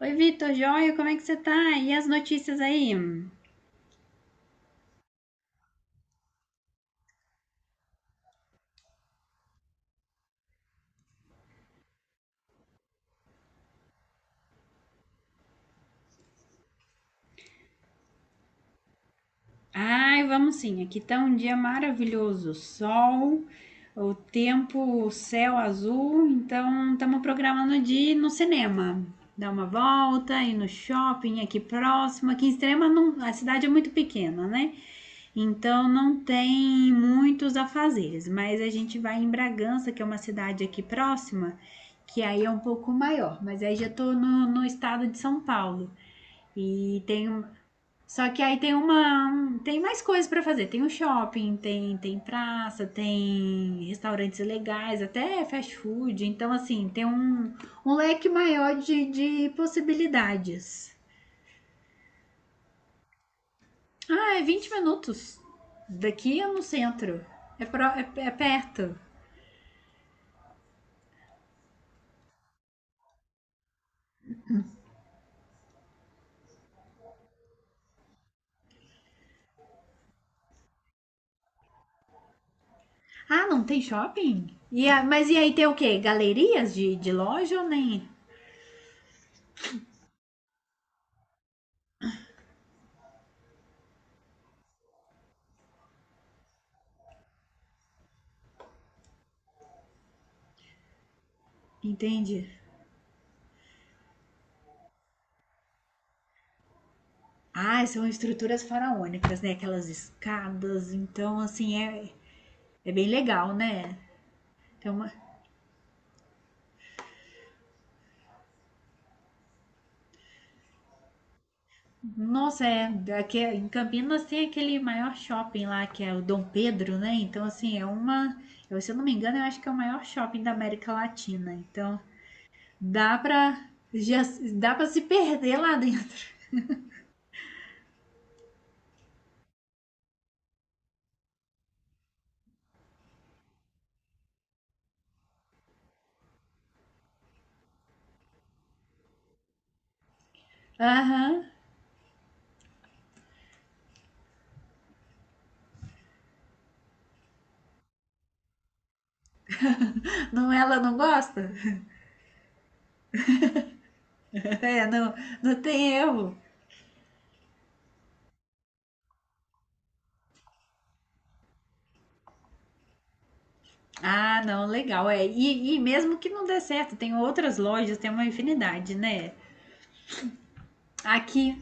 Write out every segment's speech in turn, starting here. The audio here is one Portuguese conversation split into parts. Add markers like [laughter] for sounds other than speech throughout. Oi, Vitor, joia, como é que você tá? E as notícias aí? Ai, vamos sim, aqui tá um dia maravilhoso, sol, o tempo, o céu azul, então estamos programando de ir no cinema, dar uma volta, ir no shopping aqui próximo, aqui em Extrema a cidade é muito pequena, né? Então não tem muitos afazeres, mas a gente vai em Bragança, que é uma cidade aqui próxima, que aí é um pouco maior, mas aí já tô no estado de São Paulo. E tem um. Só que aí tem Tem mais coisas pra fazer. Tem um shopping, tem, tem praça, tem restaurantes legais, até fast food. Então, assim, tem um, um leque maior de possibilidades. Ah, é 20 minutos. Daqui é no centro. É, pro, é, é perto. Ah, não tem shopping? E mas e aí tem o quê? Galerias de loja ou nem? Entende? Ah, são estruturas faraônicas, né? Aquelas escadas. Então, assim, é, é bem legal, né? É uma... Nossa, é, aqui, é, em Campinas tem aquele maior shopping lá, que é o Dom Pedro, né? Então, assim, é uma. Eu, se eu não me engano, eu acho que é o maior shopping da América Latina. Então, dá pra. Já, dá pra se perder lá dentro. Aham. Não, ela não gosta? [laughs] É, não, não tem erro. Ah, não, legal. É. E, e mesmo que não dê certo, tem outras lojas, tem uma infinidade, né? Aqui.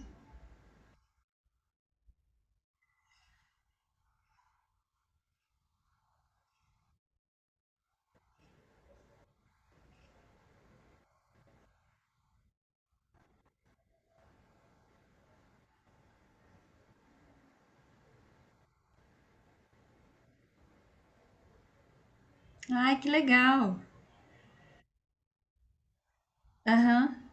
Ai, que legal. Aham.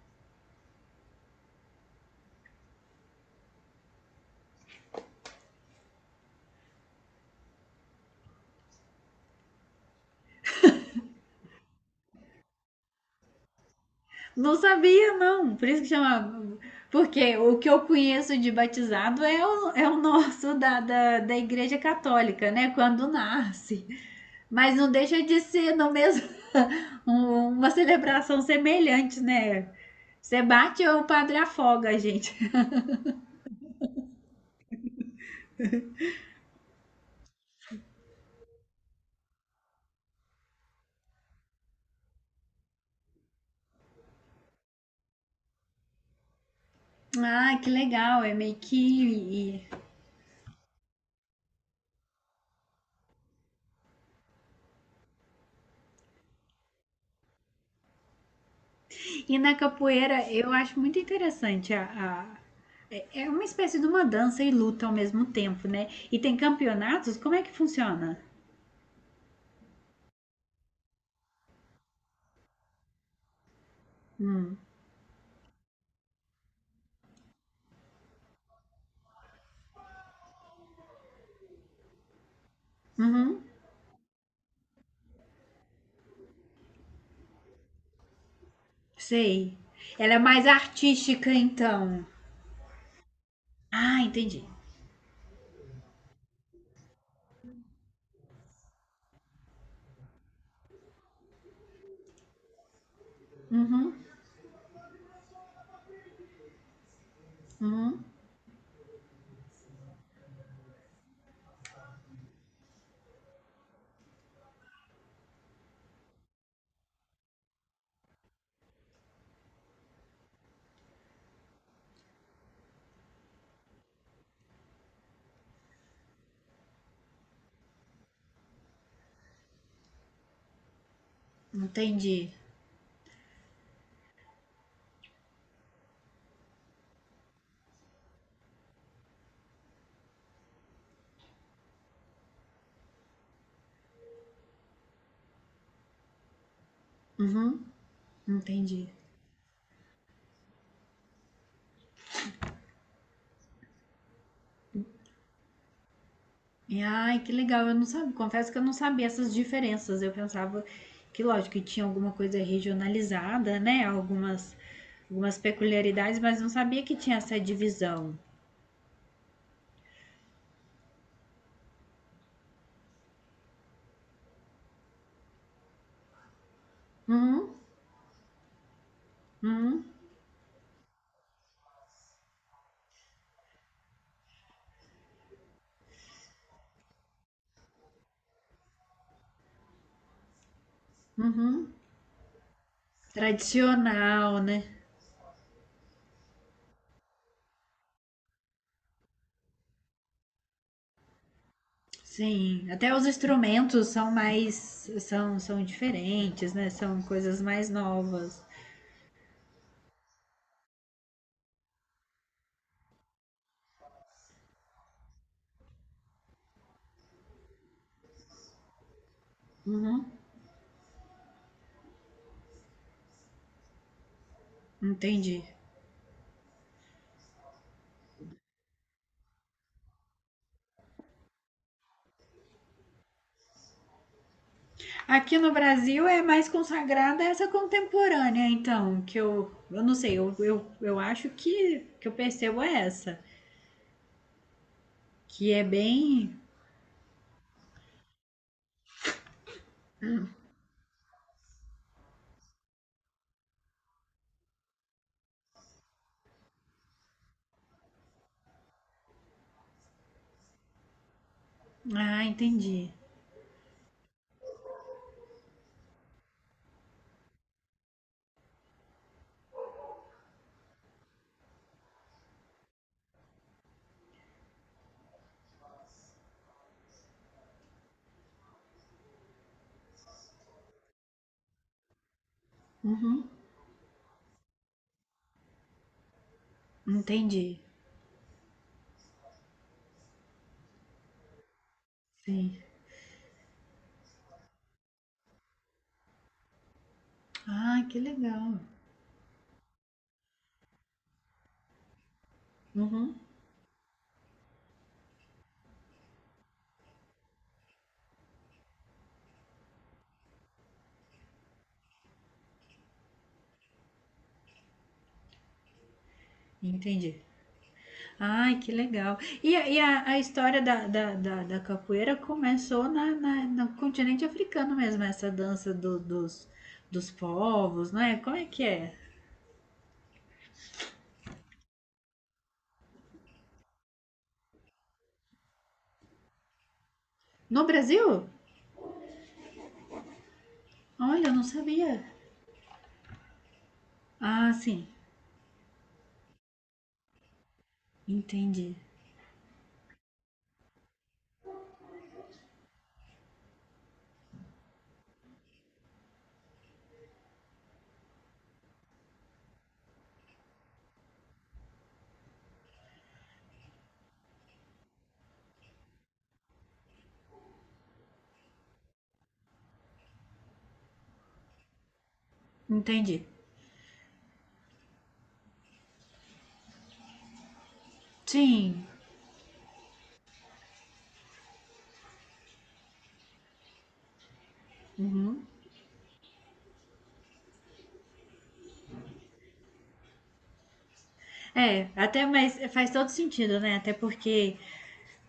Não sabia, não. Por isso que chama. Porque o que eu conheço de batizado é o, é o nosso da Igreja Católica, né? Quando nasce. Mas não deixa de ser no mesmo [laughs] uma celebração semelhante, né? Você bate ou o padre afoga, a gente. [laughs] Ah, que legal. É meio que E na capoeira eu acho muito interessante a, a- É uma espécie de uma dança e luta ao mesmo tempo, né? E tem campeonatos? Como é que funciona? Hum. Uhum. Sei. Ela é mais artística, então. Ah, entendi. Uhum. Uhum. Entendi. Uhum. Entendi. E, Ai, que legal, eu não sabia, confesso que eu não sabia essas diferenças. Eu pensava que, lógico, que tinha alguma coisa regionalizada, né? Algumas, algumas peculiaridades, mas não sabia que tinha essa divisão. Uhum, uhum, uhum. Tradicional, né? Sim, até os instrumentos são mais, são, são diferentes, né? São coisas mais novas. Uhum, entendi. Aqui no Brasil é mais consagrada essa contemporânea, então, que eu não sei, eu acho que eu percebo é essa, que é bem. Ah, entendi. Uhum, entendi. Sim. Ah, que legal. Uhum, entendi. Ai, que legal. E a história da capoeira começou na, na, no continente africano mesmo, essa dança dos, dos povos, né? Como é que é? No Brasil? Olha, eu não sabia. Ah, sim. Entendi. Entendi. Sim. Uhum. É, até mas faz todo sentido, né? Até porque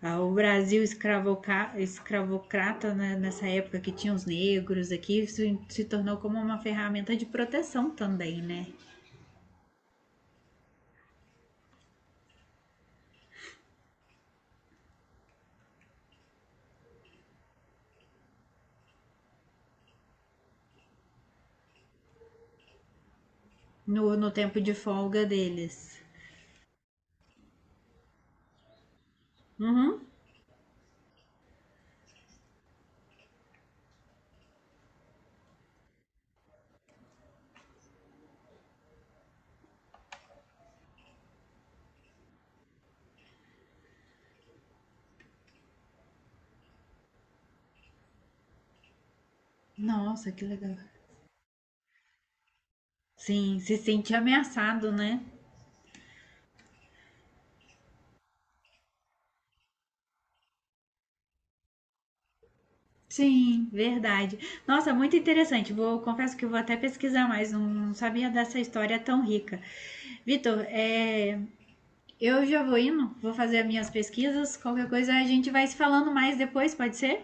ah, o Brasil escravocrata, né, nessa época que tinha os negros aqui, se tornou como uma ferramenta de proteção também, né? No, no tempo de folga deles. Uhum. Nossa, que legal. Sim, se sente ameaçado, né? Sim, verdade. Nossa, muito interessante. Vou, confesso que vou até pesquisar mais, não, não sabia dessa história tão rica. Vitor, é, eu já vou indo, vou fazer as minhas pesquisas. Qualquer coisa a gente vai se falando mais depois, pode ser?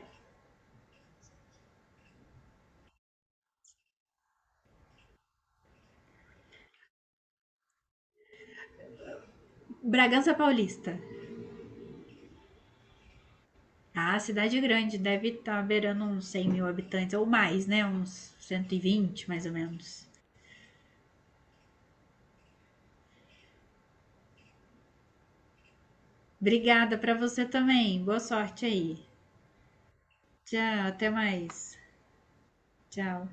Bragança Paulista. Ah, cidade grande, deve estar beirando uns 100 mil habitantes ou mais, né? Uns 120 mais ou menos. Obrigada para você também. Boa sorte aí. Tchau, até mais. Tchau.